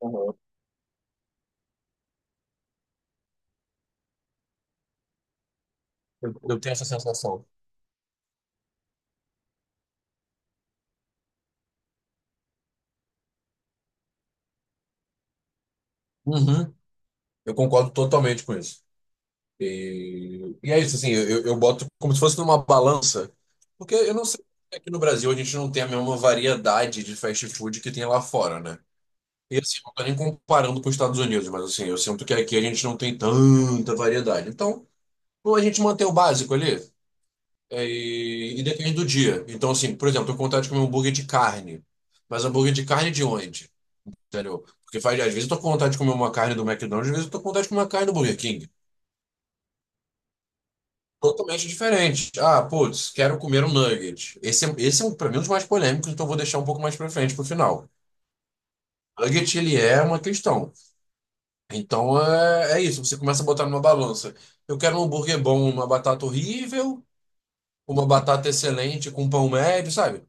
Aham. Eu tenho essa sensação. Uhum. Eu concordo totalmente com isso. E é isso, assim, eu boto como se fosse numa balança, porque eu não sei se aqui no Brasil a gente não tem a mesma variedade de fast food que tem lá fora, né? E assim, não tô nem comparando com os Estados Unidos, mas assim, eu sinto que aqui a gente não tem tanta variedade. Então, ou a gente mantém o básico ali, e depende do dia. Então, assim, por exemplo, eu tenho vontade de comer um hambúrguer de carne, mas hambúrguer de carne de onde? Entendeu? Porque às vezes eu tô com vontade de comer uma carne do McDonald's, às vezes eu tô com vontade de comer uma carne do Burger King. Totalmente diferente. Ah, putz, quero comer um nugget. Esse é um, pra mim, um dos mais polêmicos, então eu vou deixar um pouco mais pra frente, pro final. Nugget, ele é uma questão. Então, é, é isso. Você começa a botar numa balança. Eu quero um hambúrguer bom, uma batata horrível, uma batata excelente com pão médio, sabe?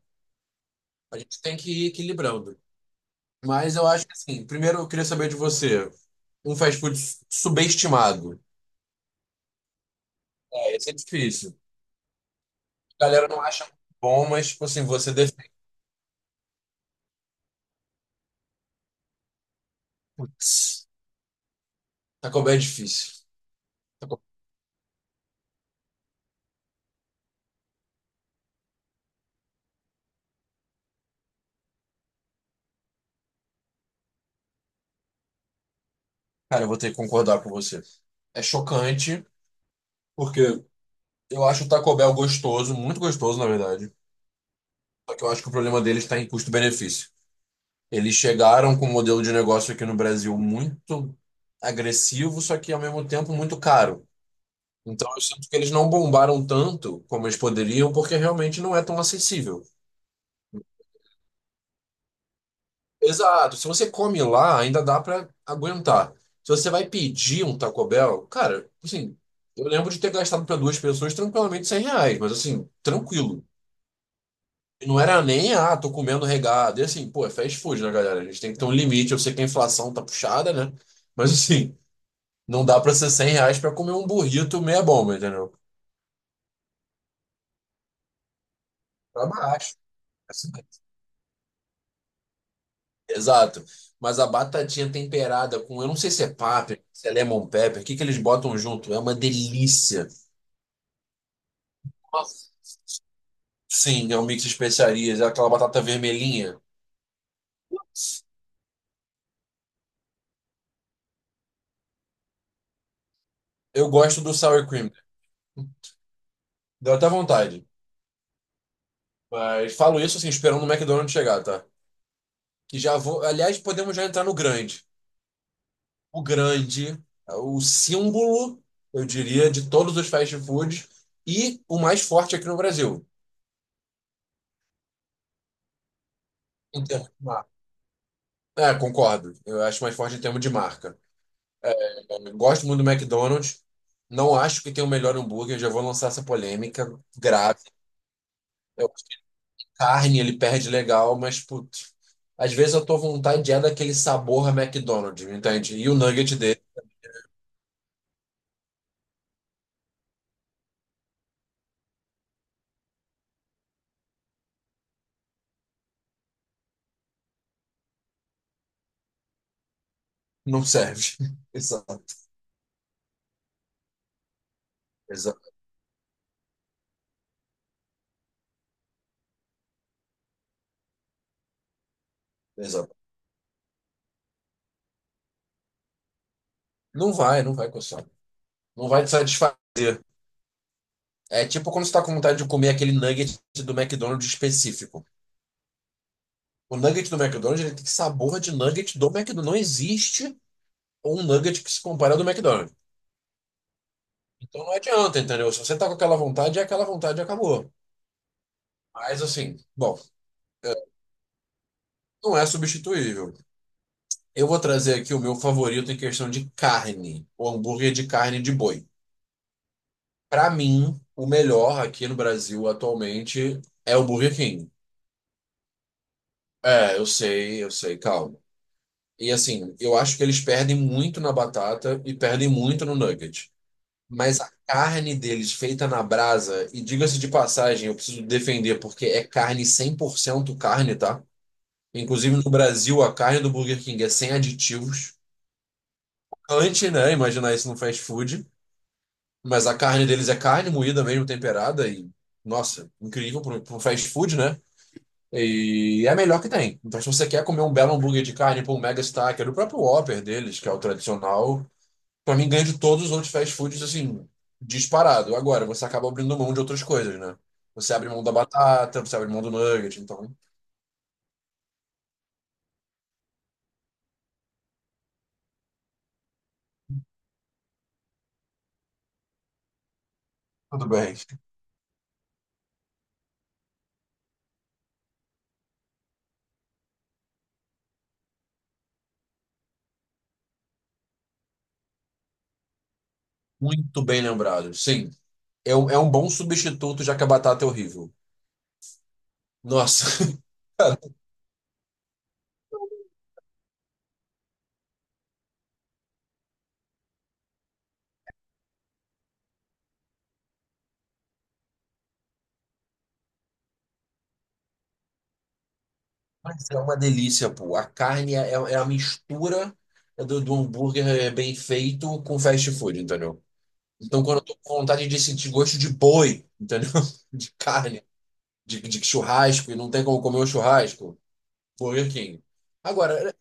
A gente tem que ir equilibrando. Mas eu acho que, assim, primeiro eu queria saber de você. Um fast food subestimado. É, esse é difícil. A galera não acha muito bom, mas, tipo assim, você defende. Putz, Taco Bell é difícil. Taco- Cara, eu vou ter que concordar com você. É chocante, porque eu acho o Taco Bell gostoso, muito gostoso, na verdade. Só que eu acho que o problema deles está em custo-benefício. Eles chegaram com um modelo de negócio aqui no Brasil muito agressivo, só que ao mesmo tempo muito caro. Então eu sinto que eles não bombaram tanto como eles poderiam, porque realmente não é tão acessível. Exato. Se você come lá, ainda dá pra aguentar. Se você vai pedir um Taco Bell, cara, assim, eu lembro de ter gastado pra duas pessoas tranquilamente R$ 100, mas assim, tranquilo. E não era nem, ah, tô comendo regado. E assim, pô, é fast food, né, galera? A gente tem que ter um limite. Eu sei que a inflação tá puxada, né? Mas assim, não dá pra ser R$ 100 pra comer um burrito meia bomba, entendeu? Pra baixo. Assim, exato. Mas a batatinha temperada com, eu não sei se é páprica, se é lemon pepper, o que que eles botam junto? É uma delícia. Nossa. Sim, é um mix de especiarias, é aquela batata vermelhinha. Eu gosto do sour cream, deu até vontade. Mas falo isso assim, esperando o McDonald's chegar, tá? Que já vou. Aliás, podemos já entrar no grande. O grande, é o símbolo, eu diria, de todos os fast foods e o mais forte aqui no Brasil. Em termos de marca. É, concordo. Eu acho mais forte em termos de marca. É, é, gosto muito do McDonald's. Não acho que tem o melhor hambúrguer, já vou lançar essa polêmica grave. Carne ele perde legal, mas putz, às vezes a tua vontade é daquele sabor a McDonald's, entende? E o nugget dele não serve. Exato, exato, exato. Não vai, não vai coçar. Não vai te satisfazer. É tipo quando você tá com vontade de comer aquele nugget do McDonald's específico. O nugget do McDonald's ele tem sabor de nugget do McDonald's. Não existe um nugget que se compare ao do McDonald's. Então não adianta, entendeu? Se você tá com aquela vontade, é aquela vontade e acabou. Mas assim, bom, não é substituível. Eu vou trazer aqui o meu favorito em questão de carne, o hambúrguer de carne de boi. Para mim, o melhor aqui no Brasil atualmente é o Burger King. É, eu sei, calma. E assim, eu acho que eles perdem muito na batata e perdem muito no nugget. Mas a carne deles feita na brasa, e diga-se de passagem, eu preciso defender porque é carne 100% carne, tá? Inclusive no Brasil, a carne do Burger King é sem aditivos. Antes, né? Imaginar isso no fast food. Mas a carne deles é carne moída mesmo, temperada e, nossa, incrível para um fast food, né? E é a melhor que tem. Então, se você quer comer um belo hambúrguer de carne, pô, um Mega Stacker, o próprio Whopper deles, que é o tradicional, pra mim ganha de todos os outros fast foods, assim, disparado. Agora, você acaba abrindo mão de outras coisas, né? Você abre mão da batata, você abre mão do nugget, então, tudo bem. Muito bem lembrado. Sim, é um bom substituto, já que a batata é horrível. Nossa. Mas é uma delícia, pô. A carne é a mistura do hambúrguer é bem feito com fast food, entendeu? Então, quando eu tô com vontade de sentir gosto de boi, entendeu? De carne, de churrasco, e não tem como comer um churrasco, Burger King. Agora,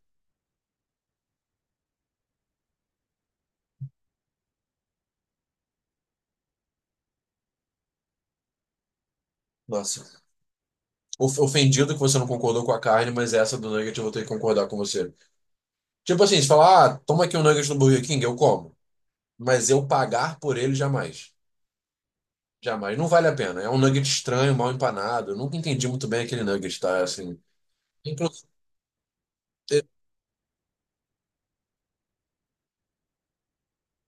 nossa, ofendido que você não concordou com a carne, mas essa do nugget eu vou ter que concordar com você. Tipo assim, se falar, ah, toma aqui um nugget no Burger King, eu como. Mas eu pagar por ele jamais. Jamais, não vale a pena. É um nugget estranho, mal empanado. Eu nunca entendi muito bem aquele nugget, tá? Assim, inclusive, é-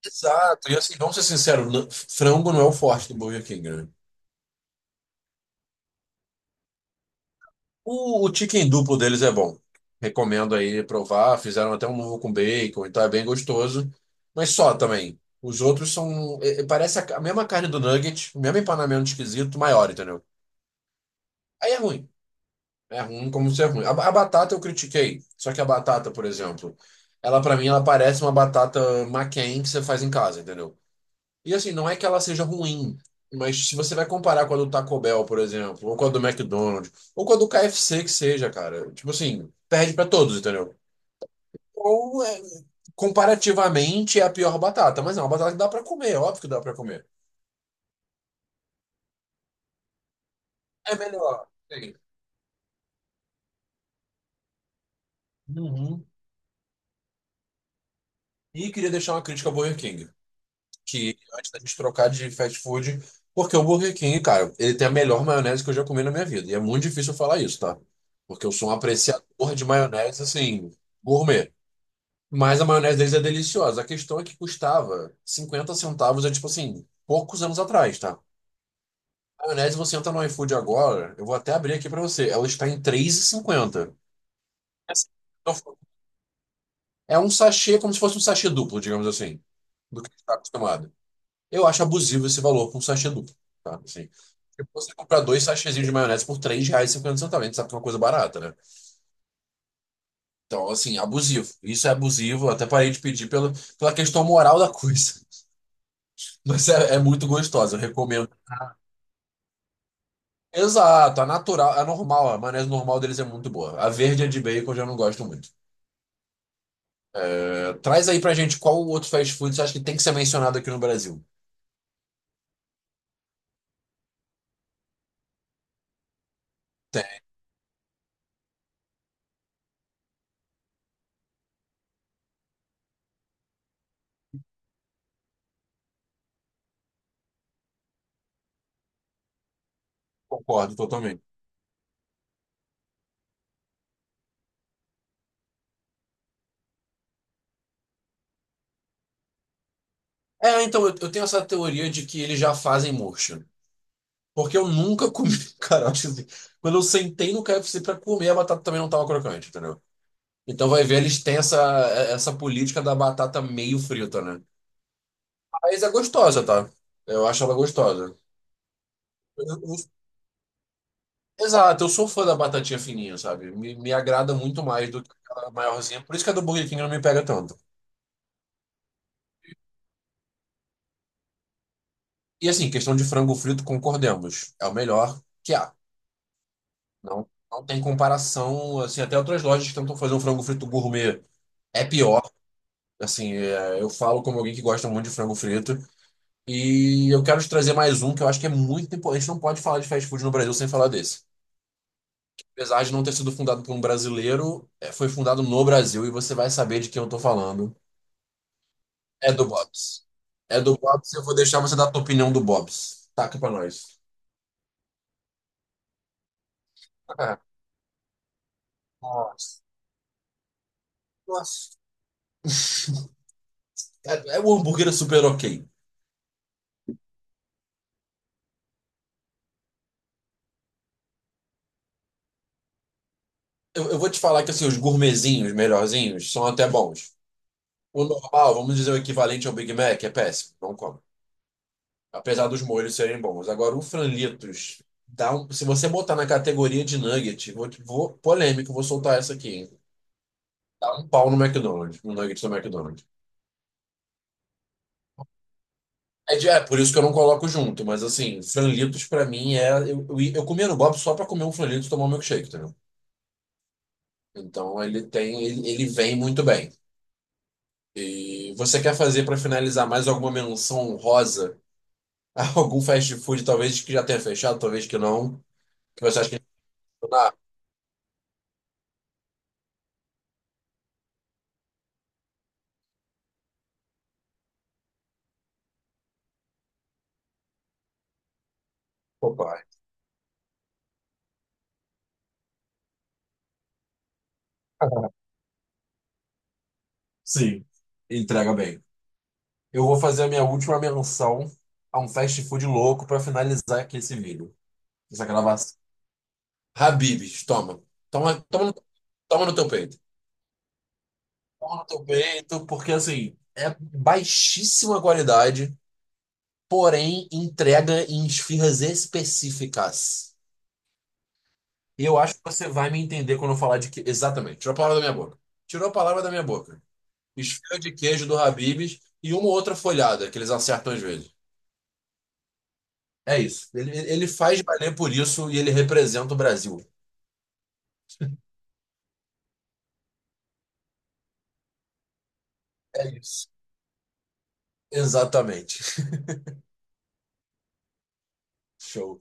exato. E assim, vamos ser sinceros, frango não é o forte do Burger King, né? O chicken duplo deles é bom. Recomendo aí provar. Fizeram até um novo com bacon, então é bem gostoso. Mas só também. Os outros são. Parece a mesma carne do nugget, o mesmo empanamento esquisito, maior, entendeu? Aí é ruim. É ruim como ser ruim. A batata eu critiquei. Só que a batata, por exemplo, ela pra mim ela parece uma batata McCain que você faz em casa, entendeu? E assim, não é que ela seja ruim, mas se você vai comparar com a do Taco Bell, por exemplo, ou com a do McDonald's, ou com a do KFC que seja, cara, tipo assim, perde pra todos, entendeu? Ou é, comparativamente é a pior batata, mas é uma batata que dá pra comer, óbvio que dá pra comer. É melhor. Sim. Uhum. E queria deixar uma crítica ao Burger King, que antes da gente trocar de fast food, porque o Burger King, cara, ele tem a melhor maionese que eu já comi na minha vida. E é muito difícil eu falar isso, tá? Porque eu sou um apreciador de maionese, assim, gourmet. Mas a maionese deles é deliciosa. A questão é que custava 50 centavos, é tipo assim, poucos anos atrás, tá? A maionese, você entra no iFood agora, eu vou até abrir aqui pra você, ela está em 3,50. É um sachê, como se fosse um sachê duplo, digamos assim, do que a gente está acostumado. Eu acho abusivo esse valor para um sachê duplo, tá? Assim, tipo, você comprar dois sachêzinhos de maionese por R$3,50, a gente sabe que é uma coisa barata, né? Então, assim, abusivo. Isso é abusivo, eu até parei de pedir pelo, pela questão moral da coisa. Mas é, é muito gostosa, eu recomendo. Exato, a natural, a normal, a maionese normal deles é muito boa. A verde é de bacon, eu já não gosto muito. É, traz aí pra gente qual outro fast food você acha que tem que ser mencionado aqui no Brasil. Tem, concordo totalmente. É, então, eu tenho essa teoria de que eles já fazem murcho. Porque eu nunca comi. Cara, eu acho assim, quando eu sentei no KFC pra comer, a batata também não tava crocante, entendeu? Então vai ver, eles têm essa política da batata meio frita, né? Mas é gostosa, tá? Eu acho ela gostosa. Eu- eu- Exato, eu sou fã da batatinha fininha, sabe? Me agrada muito mais do que aquela maiorzinha. Por isso que a do Burger King não me pega tanto. E assim, questão de frango frito, concordemos. É o melhor que há. Não, não tem comparação, assim, até outras lojas que tentam fazer um frango frito gourmet. É pior. Assim, eu falo como alguém que gosta muito de frango frito. E eu quero te trazer mais um que eu acho que é muito importante. A gente não pode falar de fast food no Brasil sem falar desse. Apesar de não ter sido fundado por um brasileiro, foi fundado no Brasil e você vai saber de quem eu tô falando. É do Bob's. É do Bob's, eu vou deixar você dar a tua opinião do Bob's. Taca pra nós. Ah, nossa. Nossa. É, é um hambúrguer super ok. Eu vou te falar que assim, os gourmetzinhos melhorzinhos são até bons. O normal, vamos dizer o equivalente ao Big Mac, é péssimo. Não come. Apesar dos molhos serem bons. Agora, o franlitos, se você botar na categoria de nugget, vou, polêmico, vou soltar essa aqui, hein? Dá um pau no McDonald's, no nugget do McDonald's. É, é, por isso que eu não coloco junto, mas assim, franlitos pra mim é. Eu comia no Bob só pra comer um franlitos e tomar um milkshake, entendeu? Então ele vem muito bem. E você quer fazer pra finalizar mais alguma menção honrosa a algum fast food, talvez que já tenha fechado, talvez que não, que você acha que. Ah, Popeye. Sim, entrega bem. Eu vou fazer a minha última menção a um fast food louco para finalizar aqui esse vídeo, essa gravação. Habib's, toma. Toma, toma, toma no teu peito. Toma no teu peito, porque assim, é baixíssima qualidade, porém entrega em esfirras específicas. E eu acho que você vai me entender quando eu falar de que. Exatamente, tirou a palavra da minha boca. Tirou a palavra da minha boca. Esfirra de queijo do Habib's e uma outra folhada que eles acertam às vezes. É isso. Ele faz valer por isso e ele representa o Brasil. É isso. Exatamente. Show.